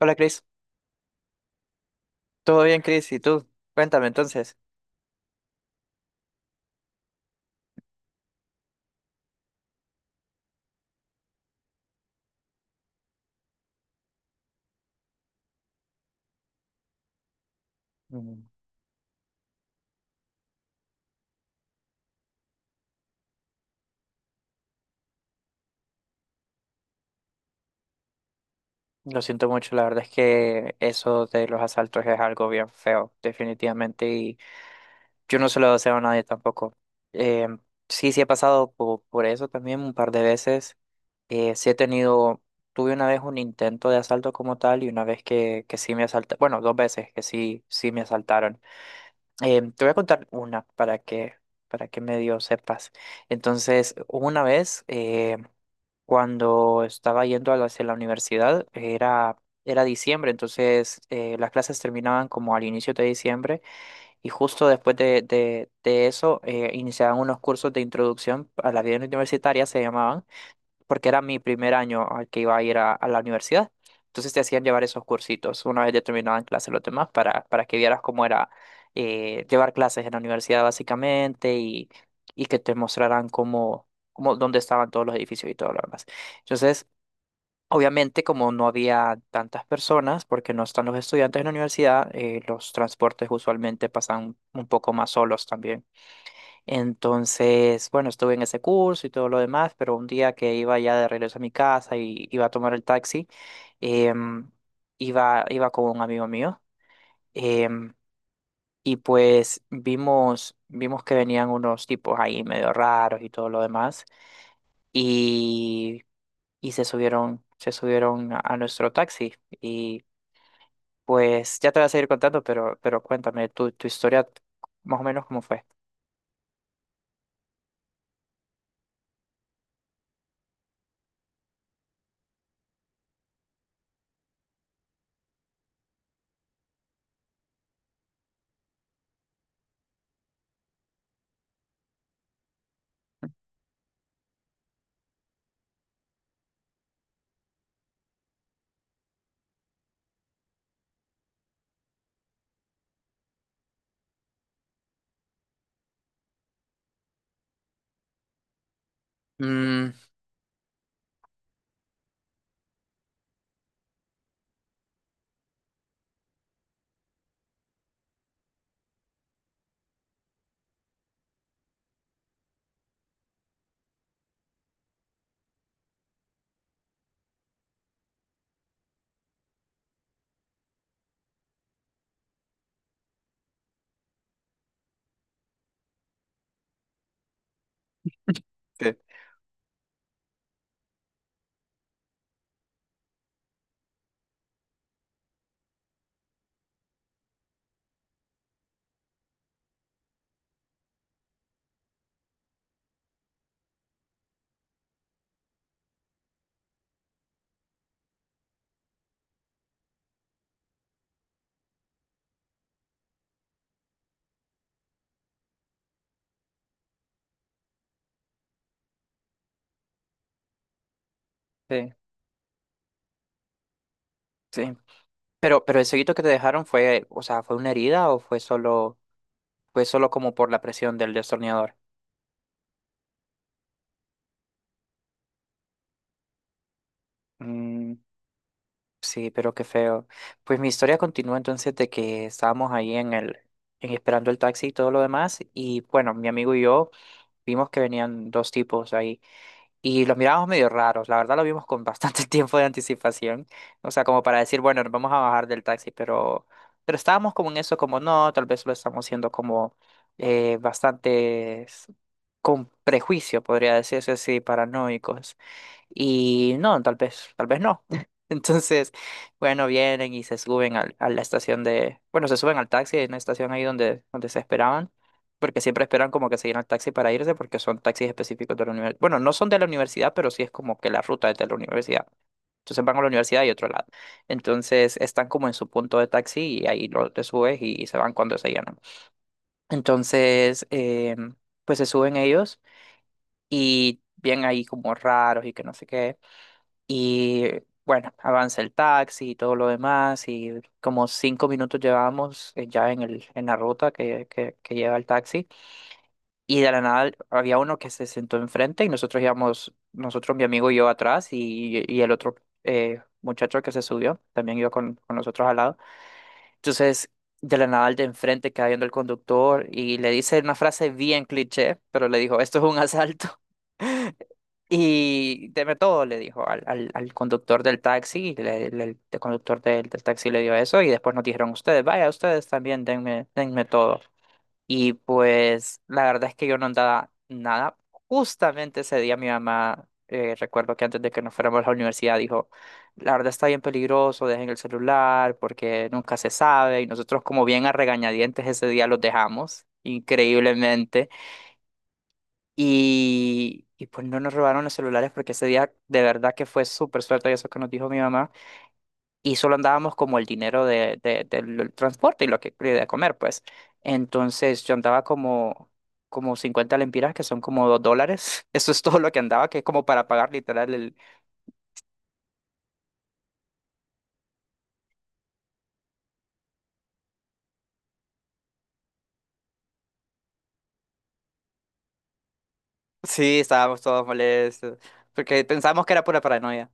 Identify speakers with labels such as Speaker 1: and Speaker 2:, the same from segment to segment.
Speaker 1: Hola Chris, ¿todo bien, Chris? ¿Y tú? Cuéntame entonces. Mm. Lo siento mucho, la verdad es que eso de los asaltos es algo bien feo, definitivamente, y yo no se lo deseo a nadie tampoco. Eh, sí, sí he pasado por eso también un par de veces. Sí he tenido, tuve una vez un intento de asalto como tal y una vez que sí me asaltaron, bueno, dos veces que sí, sí me asaltaron. Te voy a contar una para que medio sepas. Entonces, hubo una vez... cuando estaba yendo a hacia la universidad era, era diciembre, entonces las clases terminaban como al inicio de diciembre y justo después de eso iniciaban unos cursos de introducción a la vida universitaria, se llamaban, porque era mi primer año al que iba a ir a la universidad. Entonces te hacían llevar esos cursitos una vez ya terminaban clases los demás para que vieras cómo era llevar clases en la universidad básicamente, y que te mostraran cómo, cómo, dónde estaban todos los edificios y todo lo demás. Entonces, obviamente, como no había tantas personas, porque no están los estudiantes en la universidad, los transportes usualmente pasan un poco más solos también. Entonces, bueno, estuve en ese curso y todo lo demás, pero un día que iba ya de regreso a mi casa y iba a tomar el taxi, em, iba con un amigo mío. em, y pues vimos que venían unos tipos ahí medio raros y todo lo demás. Y, y se subieron a nuestro taxi. Y pues ya te voy a seguir contando, pero cuéntame tu historia, más o menos cómo fue. Mm. Sí. Sí, sí. Pero el seguito que te dejaron fue, o sea, ¿fue una herida o fue solo como por la presión del destornillador? Mm, sí, pero qué feo. Pues mi historia continúa entonces de que estábamos ahí en en esperando el taxi y todo lo demás. Y bueno, mi amigo y yo vimos que venían dos tipos ahí. Y los mirábamos medio raros, la verdad lo vimos con bastante tiempo de anticipación, o sea, como para decir, bueno, nos vamos a bajar del taxi, pero estábamos como en eso, como no, tal vez lo estamos haciendo como bastante con prejuicio, podría decirse así, paranoicos. Y no, tal vez no. Entonces, bueno, vienen y se suben la estación de, bueno, se suben al taxi en la estación ahí donde, donde se esperaban, porque siempre esperan como que se llena el taxi para irse, porque son taxis específicos de la universidad. Bueno, no son de la universidad, pero sí es como que la ruta es de la universidad. Entonces van a la universidad y otro lado. Entonces están como en su punto de taxi y ahí te subes y se van cuando se llenan. Entonces, pues se suben ellos y bien ahí como raros y que no sé qué. Y bueno, avanza el taxi y todo lo demás. Y como 5 minutos llevábamos ya en en la ruta que lleva el taxi. Y de la nada había uno que se sentó enfrente y nosotros íbamos, nosotros, mi amigo y yo atrás y el otro muchacho que se subió también iba con nosotros al lado. Entonces, de la nada el de enfrente queda viendo el conductor y le dice una frase bien cliché, pero le dijo, esto es un asalto. Y deme todo, le dijo al conductor del taxi, el conductor del taxi le dio eso y después nos dijeron ustedes, vaya, ustedes también denme, denme todo. Y pues la verdad es que yo no andaba nada. Justamente ese día mi mamá, recuerdo que antes de que nos fuéramos a la universidad, dijo, la verdad está bien peligroso, dejen el celular porque nunca se sabe. Y nosotros como bien a regañadientes ese día los dejamos, increíblemente. Y pues no nos robaron los celulares porque ese día de verdad que fue súper suerte y eso que nos dijo mi mamá. Y solo andábamos como el dinero del transporte y lo que de comer, pues. Entonces yo andaba como, como 50 lempiras, que son como $2. Eso es todo lo que andaba, que es como para pagar literal el... Sí, estábamos todos molestos porque pensábamos que era pura paranoia.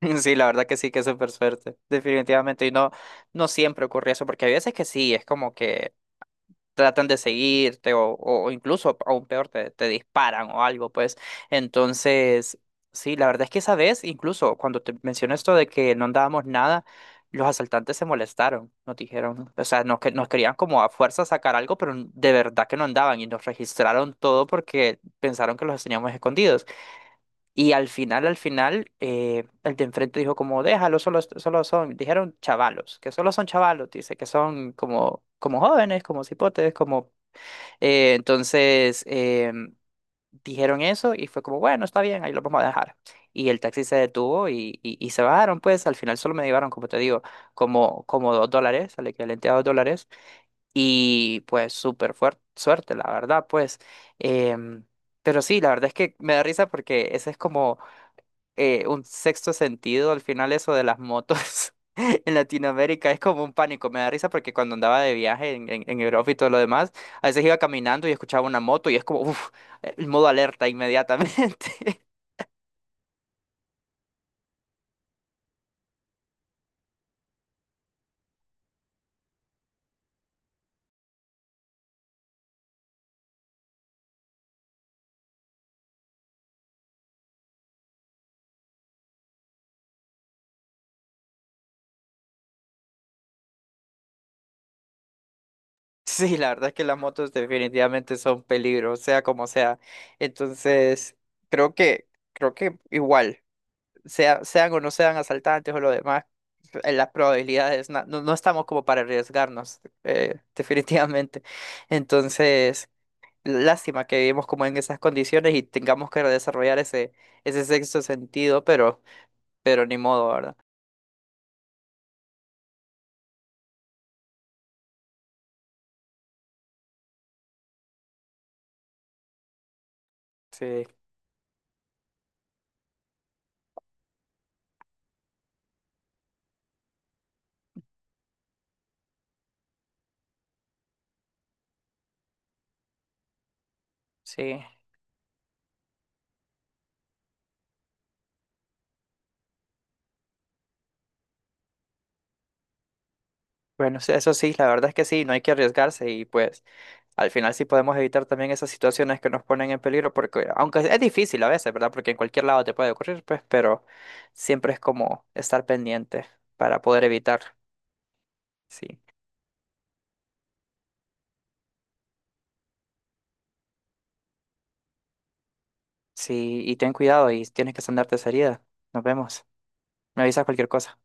Speaker 1: Sí, la verdad que sí, que es súper suerte, definitivamente. Y no, no siempre ocurre eso, porque hay veces que sí, es como que tratan de seguirte o incluso aún peor te disparan o algo, pues. Entonces, sí, la verdad es que esa vez, incluso cuando te mencioné esto de que no andábamos nada, los asaltantes se molestaron, nos dijeron, o sea, nos querían como a fuerza sacar algo, pero de verdad que no andaban y nos registraron todo porque pensaron que los teníamos escondidos. Y al final, el de enfrente dijo como, déjalo, solo, solo son, dijeron chavalos, que solo son chavalos, dice que son como, como jóvenes, como cipotes, como eh, entonces em, dijeron eso y fue como, bueno, está bien, ahí lo vamos a dejar. Y el taxi se detuvo y se bajaron, pues al final solo me llevaron, como te digo, como, como $2, al equivalente a $2. Y pues súper fuerte, suerte, la verdad, pues. Em, pero sí, la verdad es que me da risa porque ese es como un sexto sentido, al final eso de las motos en Latinoamérica es como un pánico, me da risa porque cuando andaba de viaje en Europa y todo lo demás, a veces iba caminando y escuchaba una moto y es como, uff, el modo alerta inmediatamente. Sí, la verdad es que las motos definitivamente son peligro, sea como sea. Entonces, creo que, creo que igual, sea- sean o no sean asaltantes o lo demás, las probabilidades, no, no estamos como para arriesgarnos, definitivamente. Entonces, lástima que vivimos como en esas condiciones y tengamos que desarrollar ese sexto sentido, pero ni modo, ¿verdad? Sí, sí. Bueno, sí, eso sí, la verdad es que sí, no hay que arriesgarse y pues al final sí podemos evitar también esas situaciones que nos ponen en peligro, porque aunque es difícil a veces, ¿verdad? Porque en cualquier lado te puede ocurrir, pues, pero siempre es como estar pendiente para poder evitar. Sí, sí, y ten cuidado y tienes que sanarte esa herida. Nos vemos. Me avisas cualquier cosa.